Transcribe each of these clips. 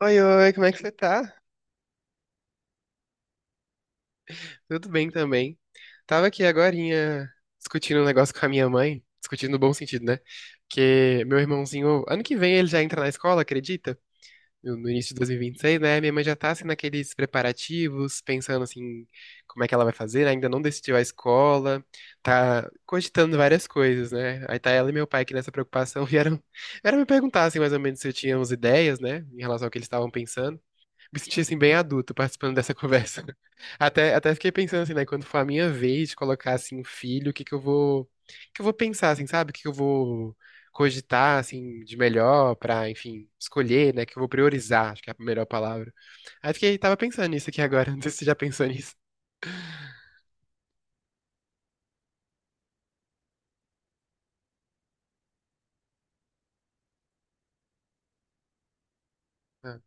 Oi, oi, como é que você tá? Tudo bem também. Tava aqui agorinha discutindo um negócio com a minha mãe, discutindo no bom sentido, né? Porque meu irmãozinho, ano que vem ele já entra na escola, acredita? No início de 2026, né? Minha mãe já tá assim naqueles preparativos, pensando assim, como é que ela vai fazer, né? Ainda não decidiu a escola, tá cogitando várias coisas, né? Aí tá ela e meu pai que nessa preocupação vieram, vieram me perguntar assim mais ou menos se eu tinha umas ideias, né? Em relação ao que eles estavam pensando. Me senti assim bem adulto participando dessa conversa. Até, até fiquei pensando assim, né, quando for a minha vez de colocar assim um filho, o que que eu vou, o que eu vou pensar assim, sabe? O que que eu vou cogitar assim de melhor pra, enfim, escolher, né, que eu vou priorizar, acho que é a melhor palavra. Aí fiquei tava pensando nisso aqui agora, não sei se você já pensou nisso. Ah,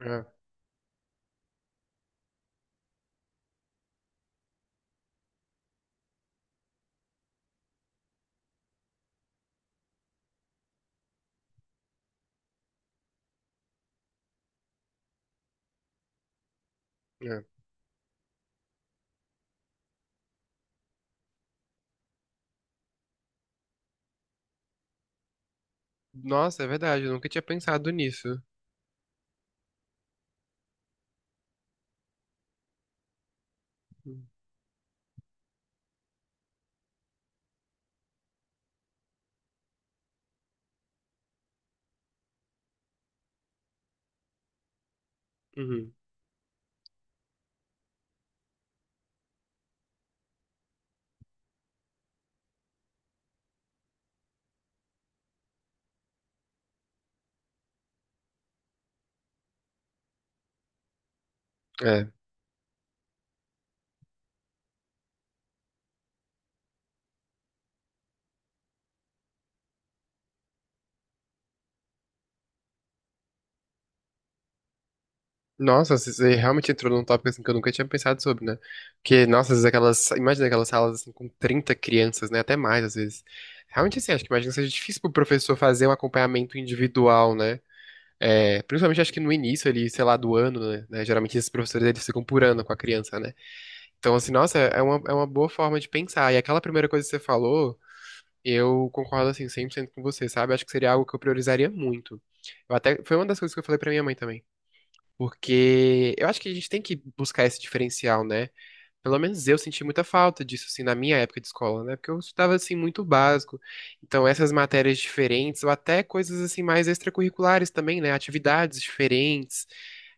ah, ah. Nossa, é verdade, eu nunca tinha pensado nisso. Uhum. É. Nossa, você realmente entrou num tópico assim que eu nunca tinha pensado sobre, né? Porque, nossa, às vezes aquelas. Imagina aquelas salas assim com 30 crianças, né? Até mais, às vezes. Realmente, assim, acho que imagina que seja difícil pro professor fazer um acompanhamento individual, né? É, principalmente acho que no início ali, sei lá, do ano, né? Geralmente esses professores eles ficam por ano com a criança, né? Então, assim, nossa, é uma boa forma de pensar. E aquela primeira coisa que você falou, eu concordo, assim, 100 por cento com você, sabe? Acho que seria algo que eu priorizaria muito. Eu até, foi uma das coisas que eu falei pra minha mãe também. Porque eu acho que a gente tem que buscar esse diferencial, né? Pelo menos eu senti muita falta disso, assim, na minha época de escola, né? Porque eu estudava, assim, muito básico. Então, essas matérias diferentes, ou até coisas, assim, mais extracurriculares também, né? Atividades diferentes.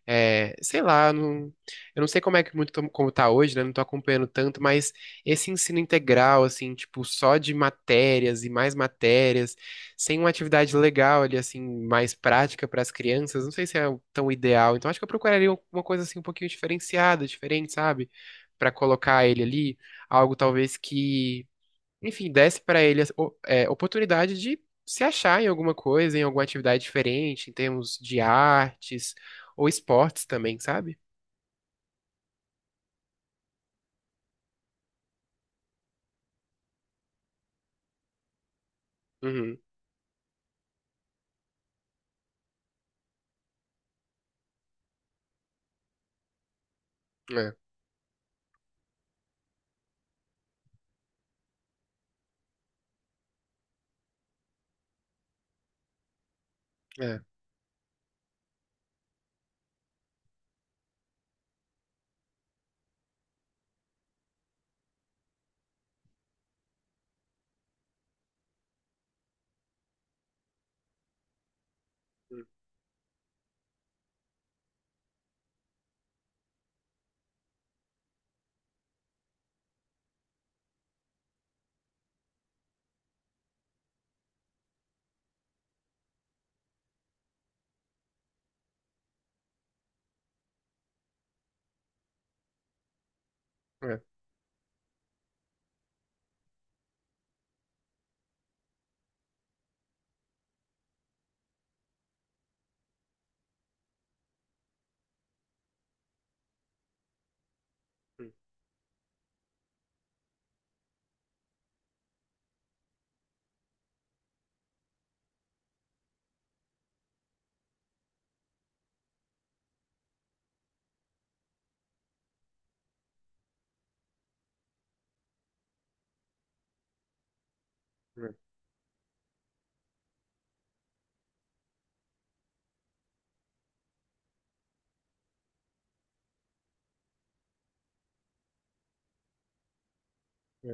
É, sei lá, não, eu não sei como é que como tá hoje, né? Não tô acompanhando tanto, mas esse ensino integral, assim, tipo, só de matérias e mais matérias, sem uma atividade legal ali, assim, mais prática para as crianças, não sei se é tão ideal. Então, acho que eu procuraria uma coisa assim um pouquinho diferenciada, diferente, sabe? Para colocar ele ali, algo talvez que, enfim, desse para ele oportunidade de se achar em alguma coisa, em alguma atividade diferente, em termos de artes ou esportes também, sabe? Uhum. É, é, hum, é, hum, é. É.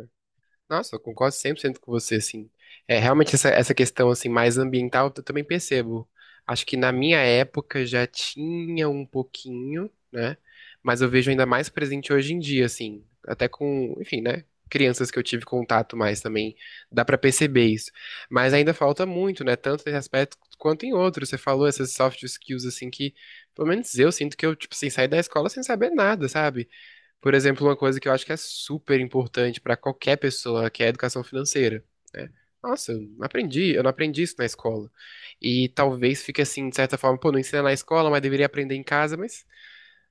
Nossa, eu concordo 100 por cento com você, assim. É, realmente essa questão, assim, mais ambiental, eu também percebo. Acho que na minha época já tinha um pouquinho, né? Mas eu vejo ainda mais presente hoje em dia, assim. Até com, enfim, né? Crianças que eu tive contato mais também, dá pra perceber isso. Mas ainda falta muito, né? Tanto nesse aspecto quanto em outros. Você falou essas soft skills, assim, que pelo menos eu sinto que eu, tipo, assim, saí da escola sem saber nada, sabe? Por exemplo, uma coisa que eu acho que é super importante para qualquer pessoa, que é a educação financeira. Né? Nossa, eu não aprendi isso na escola. E talvez fique assim, de certa forma, pô, não ensina na escola, mas deveria aprender em casa, mas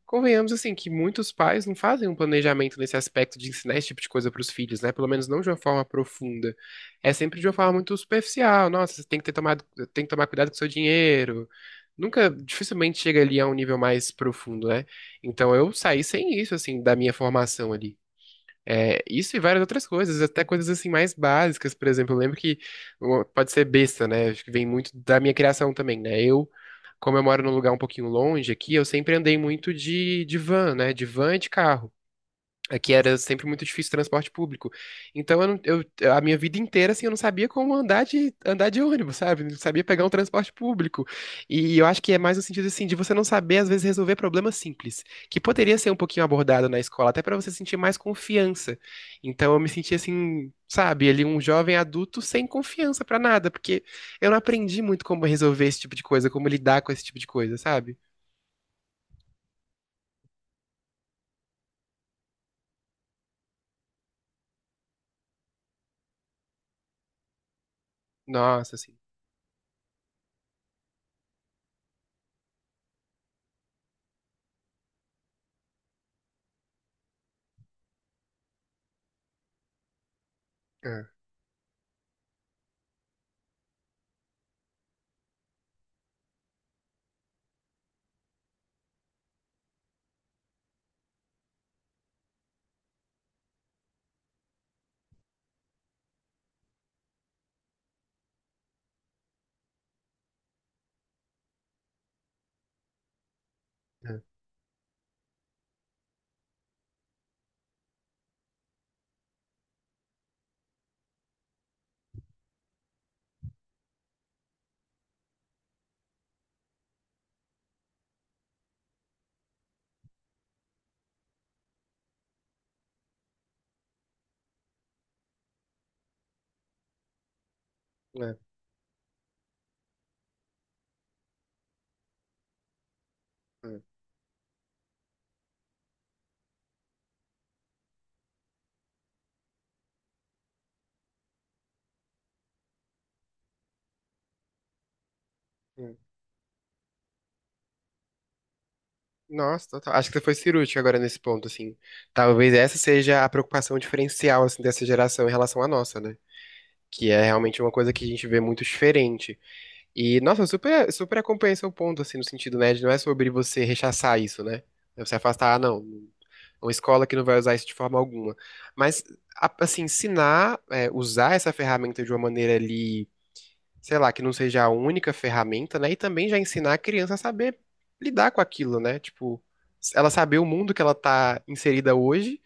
convenhamos, assim, que muitos pais não fazem um planejamento nesse aspecto de ensinar esse tipo de coisa para os filhos, né? Pelo menos não de uma forma profunda. É sempre de uma forma muito superficial. Nossa, você tem que ter tomado, tem que tomar cuidado com o seu dinheiro. Nunca, dificilmente chega ali a um nível mais profundo, né? Então eu saí sem isso, assim, da minha formação ali. É, isso e várias outras coisas, até coisas, assim, mais básicas. Por exemplo, eu lembro que pode ser besta, né? Acho que vem muito da minha criação também, né? Eu como eu moro num lugar um pouquinho longe aqui, eu sempre andei muito de van, né? De van e de carro. Aqui era sempre muito difícil transporte público. Então, eu, não- eu- a minha vida inteira, assim, eu não sabia como andar de ônibus, sabe? Não sabia pegar um transporte público. E eu acho que é mais no sentido, assim, de você não saber, às vezes, resolver problemas simples, que poderia ser um pouquinho abordado na escola, até para você sentir mais confiança. Então, eu me senti, assim, sabe, ali um jovem adulto sem confiança para nada, porque eu não aprendi muito como resolver esse tipo de coisa, como lidar com esse tipo de coisa, sabe? Nossa, assim. É, é, é, é. Sim. Nossa, total. Acho que você foi cirúrgico agora nesse ponto, assim. Talvez essa seja a preocupação diferencial, assim, dessa geração em relação à nossa, né? Que é realmente uma coisa que a gente vê muito diferente. E, nossa, eu super, super acompanho seu ponto, assim, no sentido, né, de não é sobre você rechaçar isso, né? É. Você afastar, ah, não, é uma escola que não vai usar isso de forma alguma. Mas, assim, ensinar, é, usar essa ferramenta de uma maneira ali, sei lá, que não seja a única ferramenta, né? E também já ensinar a criança a saber lidar com aquilo, né? Tipo, ela saber o mundo que ela tá inserida hoje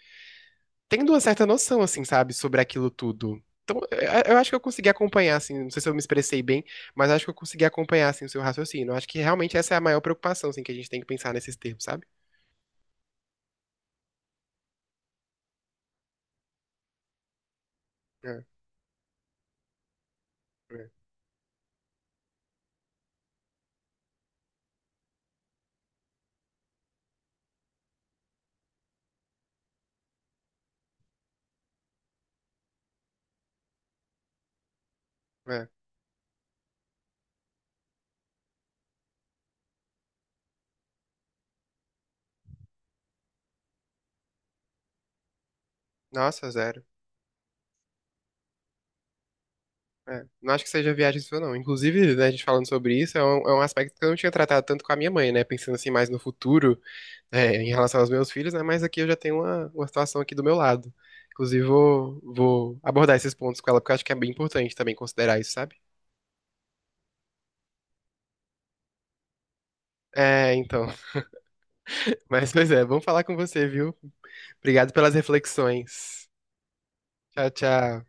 tendo uma certa noção, assim, sabe, sobre aquilo tudo. Então, eu acho que eu consegui acompanhar, assim, não sei se eu me expressei bem, mas acho que eu consegui acompanhar, assim, o seu raciocínio. Eu acho que realmente essa é a maior preocupação, assim, que a gente tem que pensar nesses termos, sabe? É, é, é. Nossa, zero. É. Não acho que seja viagem sua, não. Inclusive, né, a gente falando sobre isso, é um aspecto que eu não tinha tratado tanto com a minha mãe, né? Pensando, assim, mais no futuro, é, em relação aos meus filhos, né? Mas aqui eu já tenho uma situação aqui do meu lado. Inclusive, vou abordar esses pontos com ela, porque eu acho que é bem importante também considerar isso, sabe? É, então. Mas, pois é, vamos falar com você, viu? Obrigado pelas reflexões. Tchau, tchau.